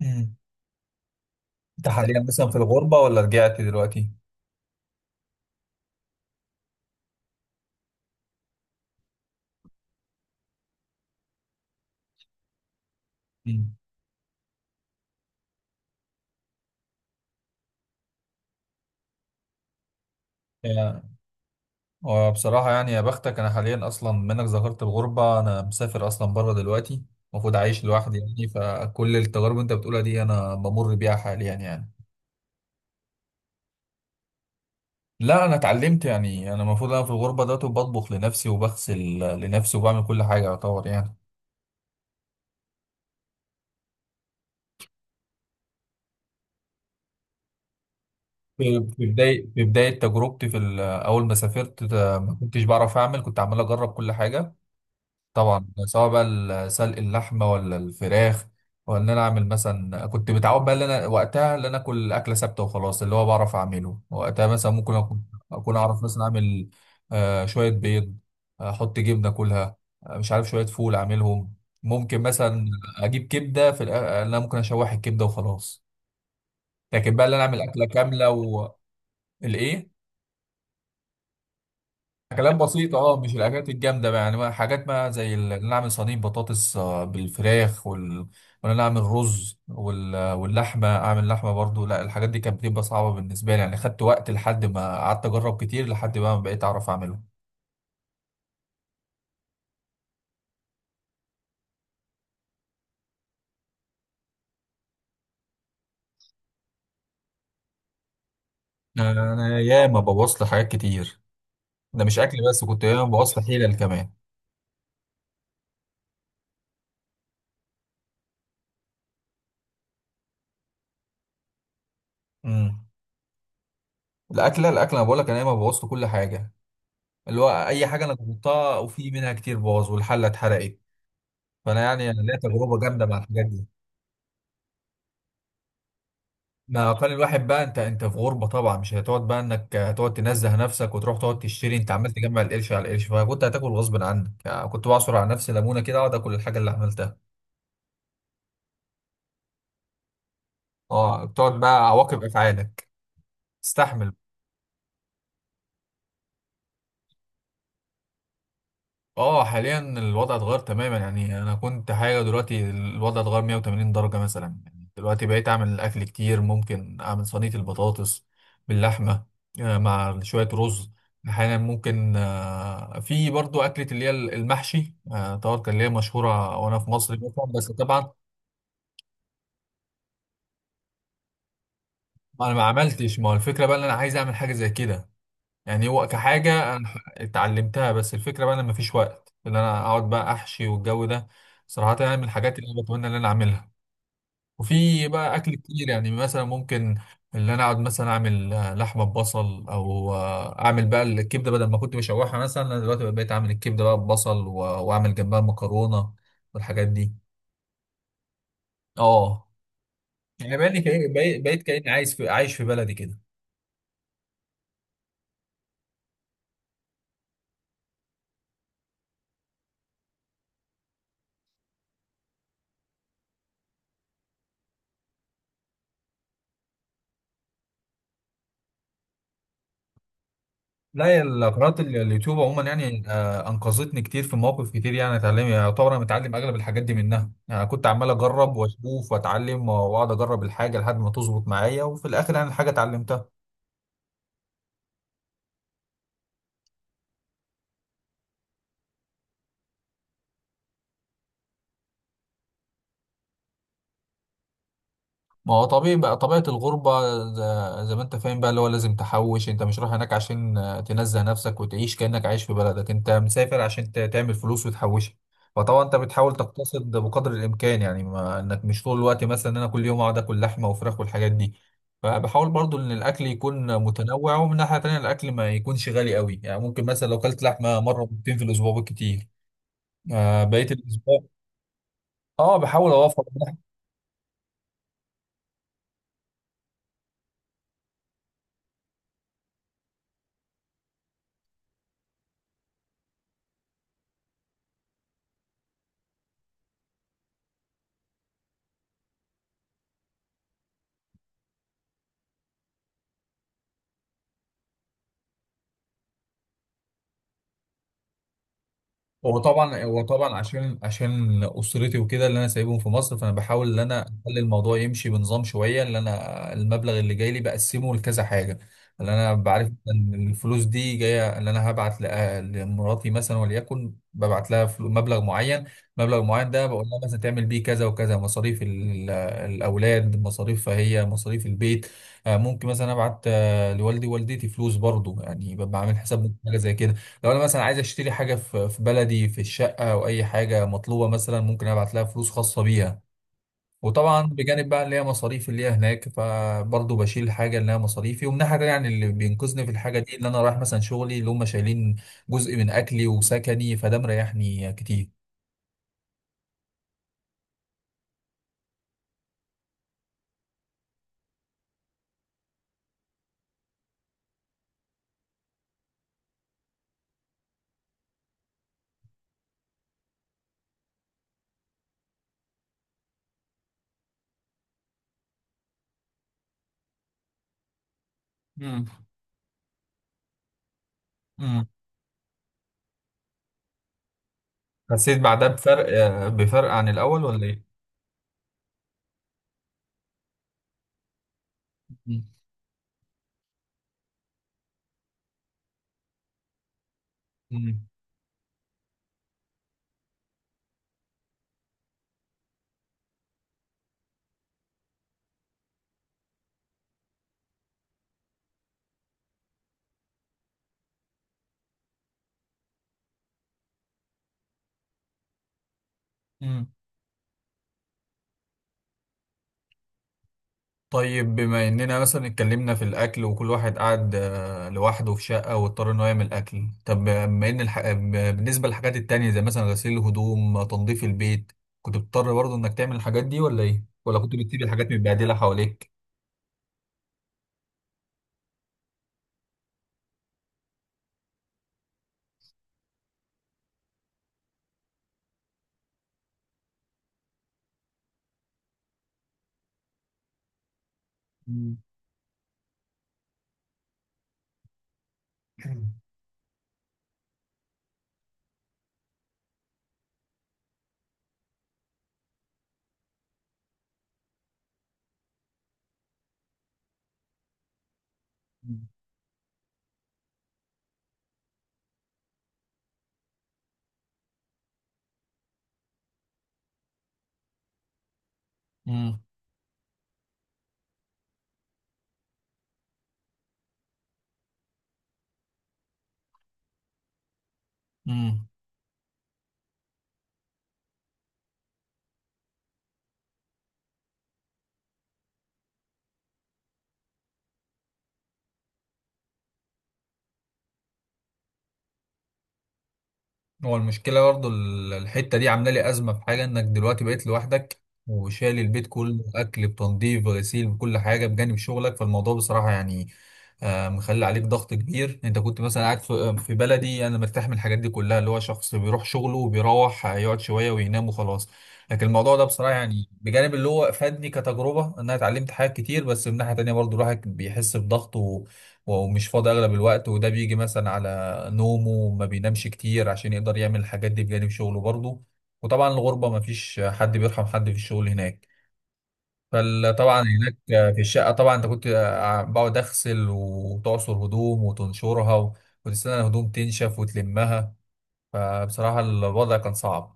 مم. انت حاليا مثلا في الغربة ولا رجعت دلوقتي؟ مم. يعني وبصراحة يعني يا بختك، أنا حاليا أصلا منك ذكرت الغربة، أنا مسافر أصلا بره دلوقتي المفروض عايش لوحدي يعني. فكل التجارب اللي أنت بتقولها دي أنا بمر بيها حاليا يعني. لا أنا اتعلمت يعني، أنا المفروض أنا في الغربة دلوقتي بطبخ لنفسي وبغسل لنفسي وبعمل كل حاجة يعتبر يعني. في بداية تجربتي في أول ما سافرت ده، ما كنتش بعرف أعمل، كنت عمال أجرب كل حاجة. طبعا سواء بقى سلق اللحمه ولا الفراخ ولا ان انا اعمل مثلا. كنت متعود بقى ان انا وقتها ان انا اكل اكله ثابته وخلاص، اللي هو بعرف اعمله وقتها. مثلا ممكن اكون اعرف مثلا اعمل شويه بيض، احط جبنه اكلها. مش عارف، شويه فول اعملهم. ممكن مثلا اجيب كبده في انا ممكن اشوح الكبده وخلاص، لكن بقى ان انا اعمل اكله كامله والايه. اكلات بسيطه اه، مش الاكلات الجامده بقى يعني، بقى حاجات بقى زي ان أنا اعمل صينيه بطاطس بالفراخ وان انا اعمل رز واللحمه، اعمل لحمه برضو. لا الحاجات دي كانت بتبقى صعبه بالنسبه لي يعني، خدت وقت لحد ما قعدت اجرب كتير لحد بقى ما بقيت اعرف اعمله. انا ياما بوظت حاجات كتير، ده مش اكل بس، كنت ياما بوظت حيلة كمان. امم الاكله انا بقول لك، انا ياما بوظت كل حاجه، اللي هو اي حاجه انا جربتها وفي منها كتير باظ والحله اتحرقت. فانا يعني أنا ليا تجربه جامده مع الحاجات دي. ما كان الواحد بقى، انت انت في غربه طبعا، مش هتقعد بقى انك هتقعد تنزه نفسك وتروح تقعد تشتري، انت عمال تجمع القرش على القرش، فكنت هتاكل غصب عنك يعني. كنت بعصر على نفسي ليمونه كده اقعد اكل الحاجه اللي عملتها. اه، بتقعد بقى عواقب افعالك، استحمل. اه، حاليا الوضع اتغير تماما يعني، انا كنت حاجه دلوقتي الوضع اتغير 180 درجه مثلا يعني. دلوقتي بقيت اعمل اكل كتير، ممكن اعمل صينيه البطاطس باللحمه مع شويه رز. احيانا ممكن في برضو اكله اللي هي المحشي، طبعا كان اللي هي مشهوره وانا في مصر مثلا، بس طبعا انا ما عملتش. ما هو الفكره بقى ان انا عايز اعمل حاجه زي كده يعني، هو كحاجة أنا اتعلمتها، بس الفكرة بقى أنا مفيش وقت إن أنا أقعد بقى أحشي والجو ده. صراحة يعني من الحاجات اللي أنا بتمنى إن أنا أعملها. وفي بقى أكل كتير يعني، مثلا ممكن إن أنا أقعد مثلا أعمل لحمة ببصل، أو أعمل بقى الكبدة بدل ما كنت بشوحها. مثلا أنا دلوقتي بقيت أعمل الكبدة بقى ببصل وأعمل جنبها مكرونة والحاجات دي. أه، يعني بقيت كأني عايش في بلدي كده. لا، هي قناة اليوتيوب عموما يعني أنقذتني كتير في مواقف كتير يعني. اتعلم يعتبر أنا متعلم أغلب الحاجات دي منها يعني، كنت عمال أجرب وأشوف وأتعلم وأقعد أجرب الحاجة لحد ما تظبط معايا، وفي الآخر يعني الحاجة اتعلمتها. ما هو طبيعي بقى طبيعة الغربة، زي ما انت فاهم بقى، اللي هو لازم تحوش. انت مش رايح هناك عشان تنزه نفسك وتعيش كأنك عايش في بلدك، انت مسافر عشان تعمل فلوس وتحوشها. فطبعا انت بتحاول تقتصد بقدر الامكان يعني، ما انك مش طول الوقت مثلا ان انا كل يوم اقعد اكل لحمة وفراخ والحاجات دي. فبحاول برضو ان الاكل يكون متنوع، ومن ناحية تانية الاكل ما يكونش غالي قوي يعني. ممكن مثلا لو كلت لحمة مرة مرتين في الاسبوع بالكتير، بقية الاسبوع اه بحاول اوفر. هو طبعا عشان اسرتي وكده اللي انا سايبهم في مصر، فانا بحاول ان انا اخلي الموضوع يمشي بنظام شويه. اللي انا المبلغ اللي جاي لي بقسمه لكذا حاجه، اللي انا بعرف ان الفلوس دي جايه. اللي انا هبعت لمراتي مثلا وليكن، ببعت لها مبلغ معين ده بقول لها مثلا تعمل بيه كذا وكذا، مصاريف الاولاد، مصاريف فهي مصاريف البيت. ممكن مثلا ابعت لوالدي ووالدتي فلوس برضو يعني، ببقى عامل حساب حاجه زي كده. لو انا مثلا عايز اشتري حاجه في بلدي في الشقه او اي حاجه مطلوبه مثلا، ممكن ابعت لها فلوس خاصه بيها. وطبعا بجانب بقى اللي هي مصاريف اللي هي هناك، فبرضه بشيل الحاجه اللي هي مصاريفي. ومن ناحيه تانية يعني، اللي بينقذني في الحاجه دي اللي انا رايح مثلا شغلي اللي هم شايلين جزء من اكلي وسكني، فده مريحني كتير. مم. مم. حسيت بعدها بفرق عن الاول ولا ايه؟ مم. مم. مم. طيب، بما اننا مثلا اتكلمنا في الاكل وكل واحد قعد لوحده في شقه واضطر ان هو يعمل اكل، طب بما ان بالنسبه للحاجات التانية زي مثلا غسيل الهدوم، تنظيف البيت، كنت بتضطر برضه انك تعمل الحاجات دي ولا ايه؟ ولا كنت بتسيب الحاجات متبهدله حواليك؟ مم. مم. امم هو المشكلة برضو الحتة دي عاملة لي أزمة في حاجة، إنك دلوقتي بقيت لوحدك وشايل البيت كله، أكل بتنظيف غسيل بكل حاجة بجانب شغلك. فالموضوع بصراحة يعني مخلي عليك ضغط كبير. أنت كنت مثلا قاعد في بلدي، أنا مرتاح من الحاجات دي كلها، اللي هو شخص بيروح شغله وبيروح يقعد شوية وينام وخلاص. لكن الموضوع ده بصراحة يعني، بجانب اللي هو فادني كتجربة إن أنا اتعلمت حاجات كتير، بس من ناحية تانية برضو الواحد بيحس بضغط ومش فاضي أغلب الوقت. وده بيجي مثلا على نومه، ما بينامش كتير عشان يقدر يعمل الحاجات دي بجانب شغله برضه. وطبعا الغربة ما فيش حد بيرحم حد في الشغل هناك، فطبعا هناك في الشقة طبعا انت كنت، بقعد اغسل وتعصر هدوم وتنشرها وتستنى الهدوم تنشف وتلمها. فبصراحة الوضع كان صعب.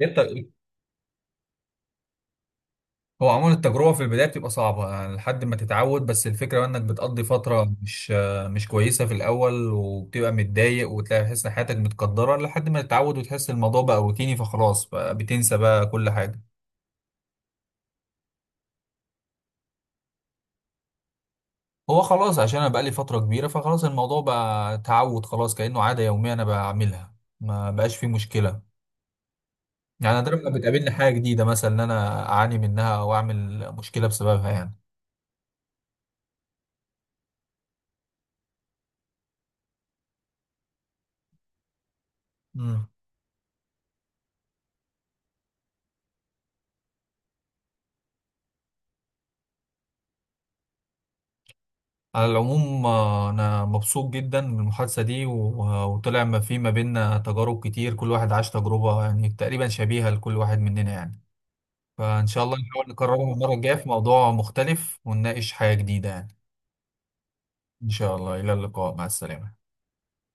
انت هو عموما التجربة في البداية بتبقى صعبة يعني لحد ما تتعود، بس الفكرة بقى انك بتقضي فترة مش كويسة في الأول، وبتبقى متضايق وتلاقي تحس إن حياتك متقدرة لحد ما تتعود، وتحس الموضوع بقى روتيني فخلاص بقى بتنسى بقى كل حاجة. هو خلاص عشان أنا بقالي فترة كبيرة، فخلاص الموضوع بقى تعود، خلاص كأنه عادة يومية أنا بعملها، ما بقاش فيه مشكلة. يعني نادرا ما بتقابلني حاجة جديدة مثلا إن أنا أعاني منها أو أعمل مشكلة بسببها يعني. على العموم أنا مبسوط جدا من المحادثة دي، وطلع ما في ما بيننا تجارب كتير، كل واحد عاش تجربة يعني تقريبا شبيهة لكل واحد مننا يعني. فإن شاء الله نحاول نكررها المرة الجاية في موضوع مختلف ونناقش حاجة جديدة يعني. إن شاء الله، إلى اللقاء، مع السلامة.